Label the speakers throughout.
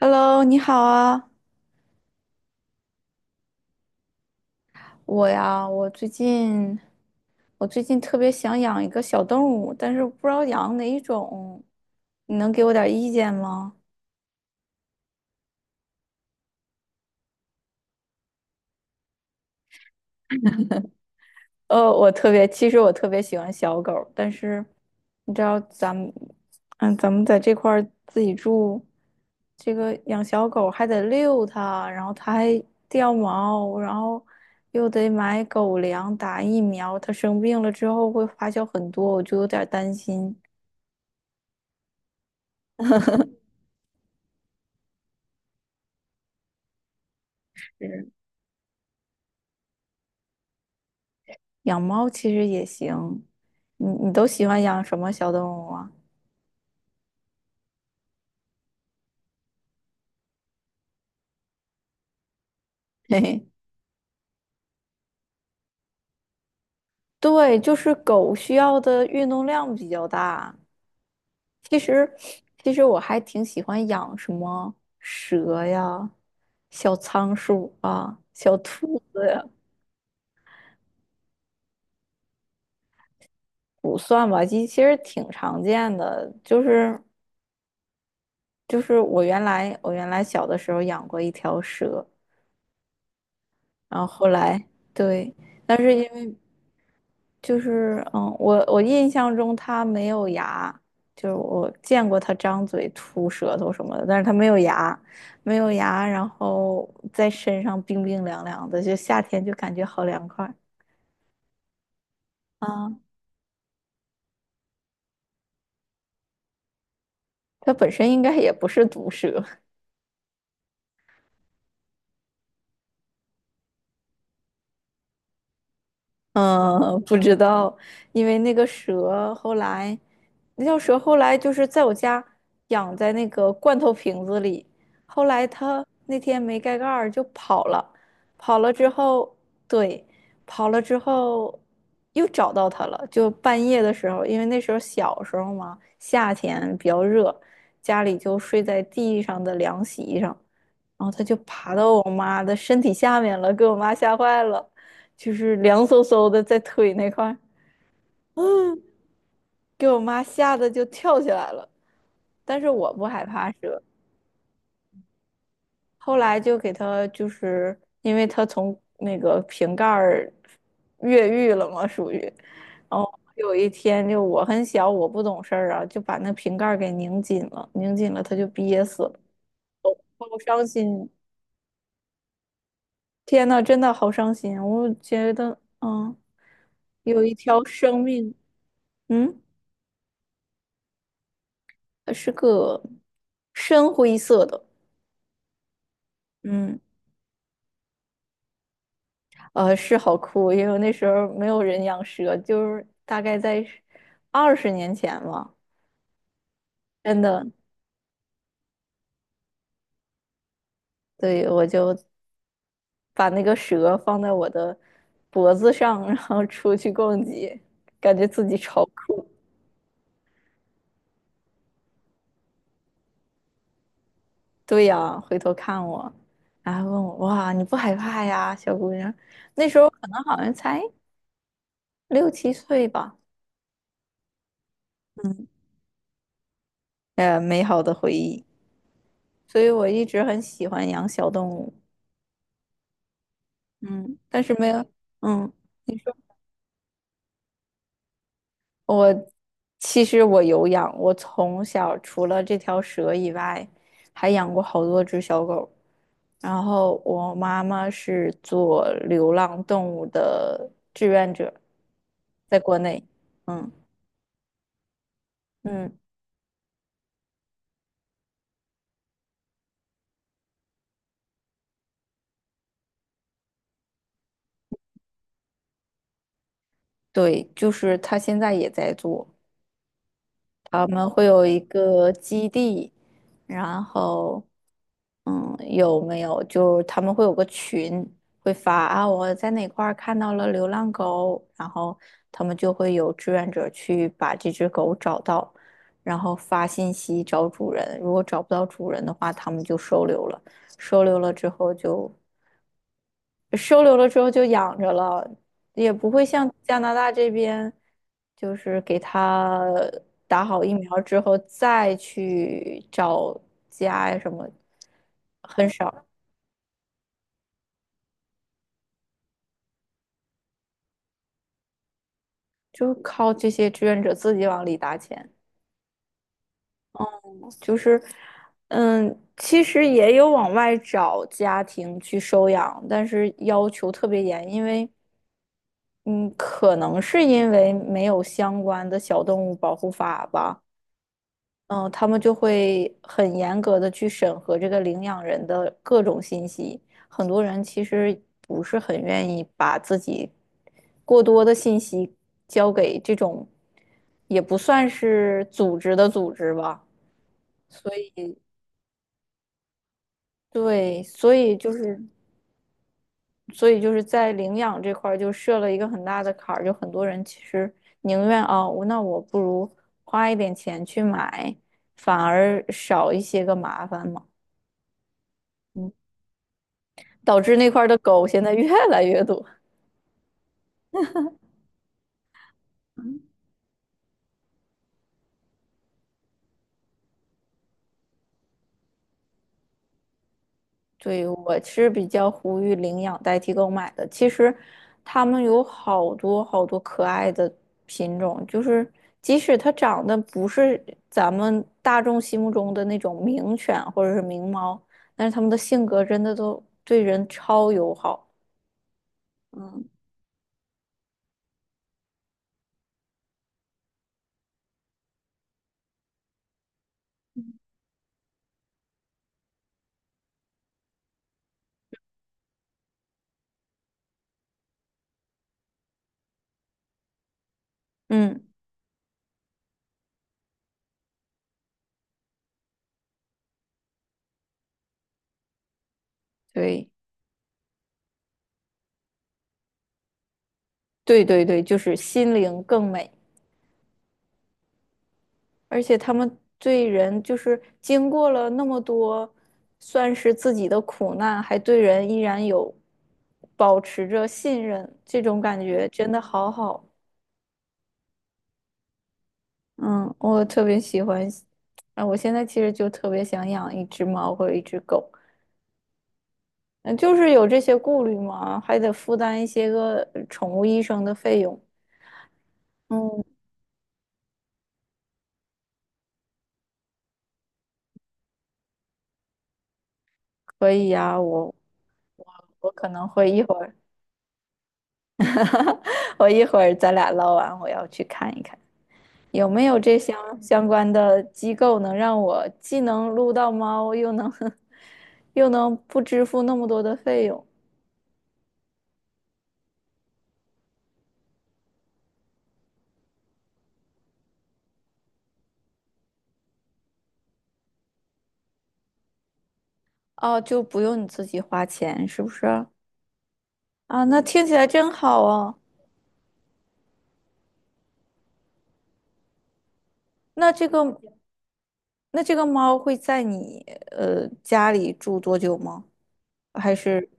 Speaker 1: Hello，你好啊，我呀，我最近特别想养一个小动物，但是不知道养哪一种，你能给我点儿意见吗？我特别，其实我特别喜欢小狗儿，但是你知道咱们，咱们在这块儿自己住，这个养小狗还得遛它，然后它还掉毛，然后又得买狗粮、打疫苗，它生病了之后会花销很多，我就有点儿担心。是，养猫其实也行，你都喜欢养什么小动物啊？嘿嘿，对，就是狗需要的运动量比较大。其实，其实我还挺喜欢养什么蛇呀、小仓鼠啊、小兔子呀，不算吧，其实挺常见的。就是我原来小的时候养过一条蛇，然后后来。对，但是因为我印象中它没有牙，就是我见过它张嘴吐舌头什么的，但是它没有牙，没有牙，然后在身上冰冰凉凉的，就夏天就感觉好凉快。啊。它本身应该也不是毒蛇，嗯，不知道，因为那个蛇后来，那条蛇后来就是在我家养在那个罐头瓶子里，后来它那天没盖盖儿就跑了，跑了之后，对，跑了之后又找到它了，就半夜的时候，因为那时候小时候嘛，夏天比较热，家里就睡在地上的凉席上。然后它就爬到我妈的身体下面了，给我妈吓坏了，就是凉飕飕的在腿那块儿，嗯给我妈吓得就跳起来了。但是我不害怕蛇。后来就给它，就是因为它从那个瓶盖儿越狱了嘛，属于，然后有一天，就我很小，我不懂事儿啊，就把那瓶盖儿给拧紧了，拧紧了它就憋死了，好伤心。天呐，真的好伤心！我觉得，嗯，有一条生命。嗯，是个深灰色的。嗯，是好酷，因为那时候没有人养蛇，就是大概在20年前吧。真的，对，我就把那个蛇放在我的脖子上，然后出去逛街，感觉自己超酷。对呀，回头看我，然后问我，哇，你不害怕呀，小姑娘？那时候可能好像才六七岁吧，美好的回忆。所以我一直很喜欢养小动物，嗯，但是没有。嗯，你说，我其实我有养，我从小除了这条蛇以外，还养过好多只小狗。然后我妈妈是做流浪动物的志愿者，在国内，嗯。嗯，对，就是他现在也在做，他们会有一个基地，然后，有没有？就他们会有个群，会发啊，我在哪块儿看到了流浪狗，然后他们就会有志愿者去把这只狗找到，然后发信息找主人，如果找不到主人的话，他们就收留了，收留了之后就收留了之后就养着了，也不会像加拿大这边，就是给它打好疫苗之后再去找家呀什么，很少，就靠这些志愿者自己往里打钱。就是，其实也有往外找家庭去收养，但是要求特别严，因为，嗯，可能是因为没有相关的小动物保护法吧。嗯，他们就会很严格的去审核这个领养人的各种信息。很多人其实不是很愿意把自己过多的信息交给这种，也不算是组织的组织吧。所以，对，所以就是在领养这块儿就设了一个很大的坎儿，就很多人其实宁愿啊，我那我不如花一点钱去买，反而少一些个麻烦嘛。嗯导致那块儿的狗现在越来越多。对，我是比较呼吁领养代替购买的。其实，它们有好多好多可爱的品种，就是即使它长得不是咱们大众心目中的那种名犬或者是名猫，但是它们的性格真的都对人超友好。嗯，嗯，对，对对对，就是心灵更美。而且他们对人，就是经过了那么多，算是自己的苦难，还对人依然有保持着信任，这种感觉真的好好。嗯，我特别喜欢。啊，我现在其实就特别想养一只猫或者一只狗，嗯，就是有这些顾虑嘛，还得负担一些个宠物医生的费用。嗯，可以呀，我我可能会一会儿，我一会儿咱俩唠完，我要去看一看。有没有这相关的机构能让我既能撸到猫，又能 又能不支付那么多的费用？哦，就不用你自己花钱，是不是？啊，那听起来真好啊。那这个那这个猫会在你家里住多久吗？还是，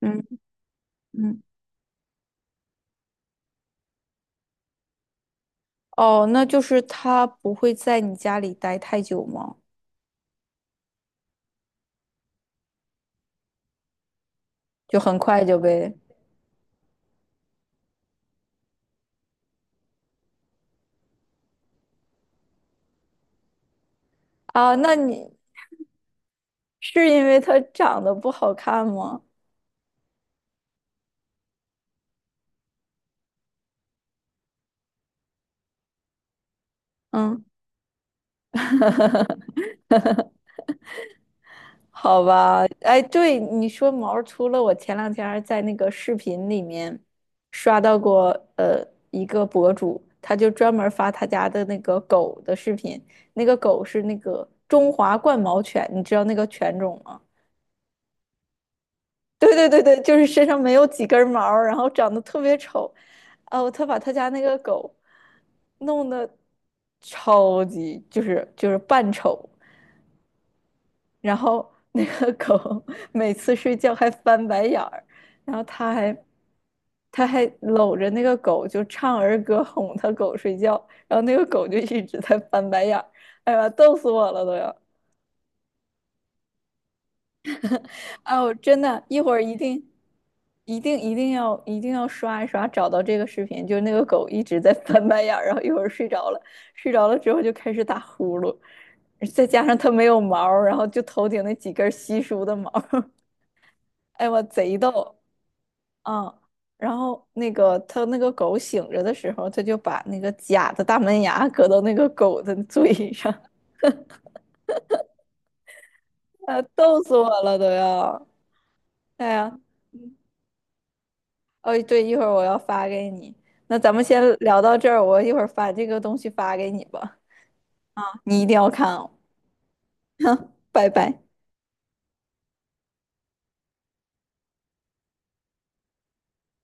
Speaker 1: 嗯，嗯，哦，那就是它不会在你家里待太久吗？就很快就被。啊？那你是因为它长得不好看吗？嗯。好吧，哎，对你说毛儿，除了我前两天儿在那个视频里面刷到过，一个博主，他就专门儿发他家的那个狗的视频，那个狗是那个中华冠毛犬，你知道那个犬种吗？对对对对，就是身上没有几根毛儿然后长得特别丑，哦，他把他家那个狗弄得超级，就是扮丑。然后那个狗 每次睡觉还翻白眼儿，然后他还搂着那个狗就唱儿歌哄他狗睡觉，然后那个狗就一直在翻白眼儿，哎呀，逗死我了都要！哎呦，真的，一会儿一定一定一定要一定要刷一刷，找到这个视频，就是那个狗一直在翻白眼儿，然后一会儿睡着了，睡着了之后就开始打呼噜，再加上它没有毛儿然后就头顶那几根稀疏的毛儿。哎，我贼逗。嗯，然后那个他那个狗醒着的时候，他就把那个假的大门牙搁到那个狗的 嘴上，啊，逗死我了都要，哎呀，哦，对，一会儿我要发给你，那咱们先聊到这儿，我一会儿把这个东西发给你吧，你一定要看哦，拜拜。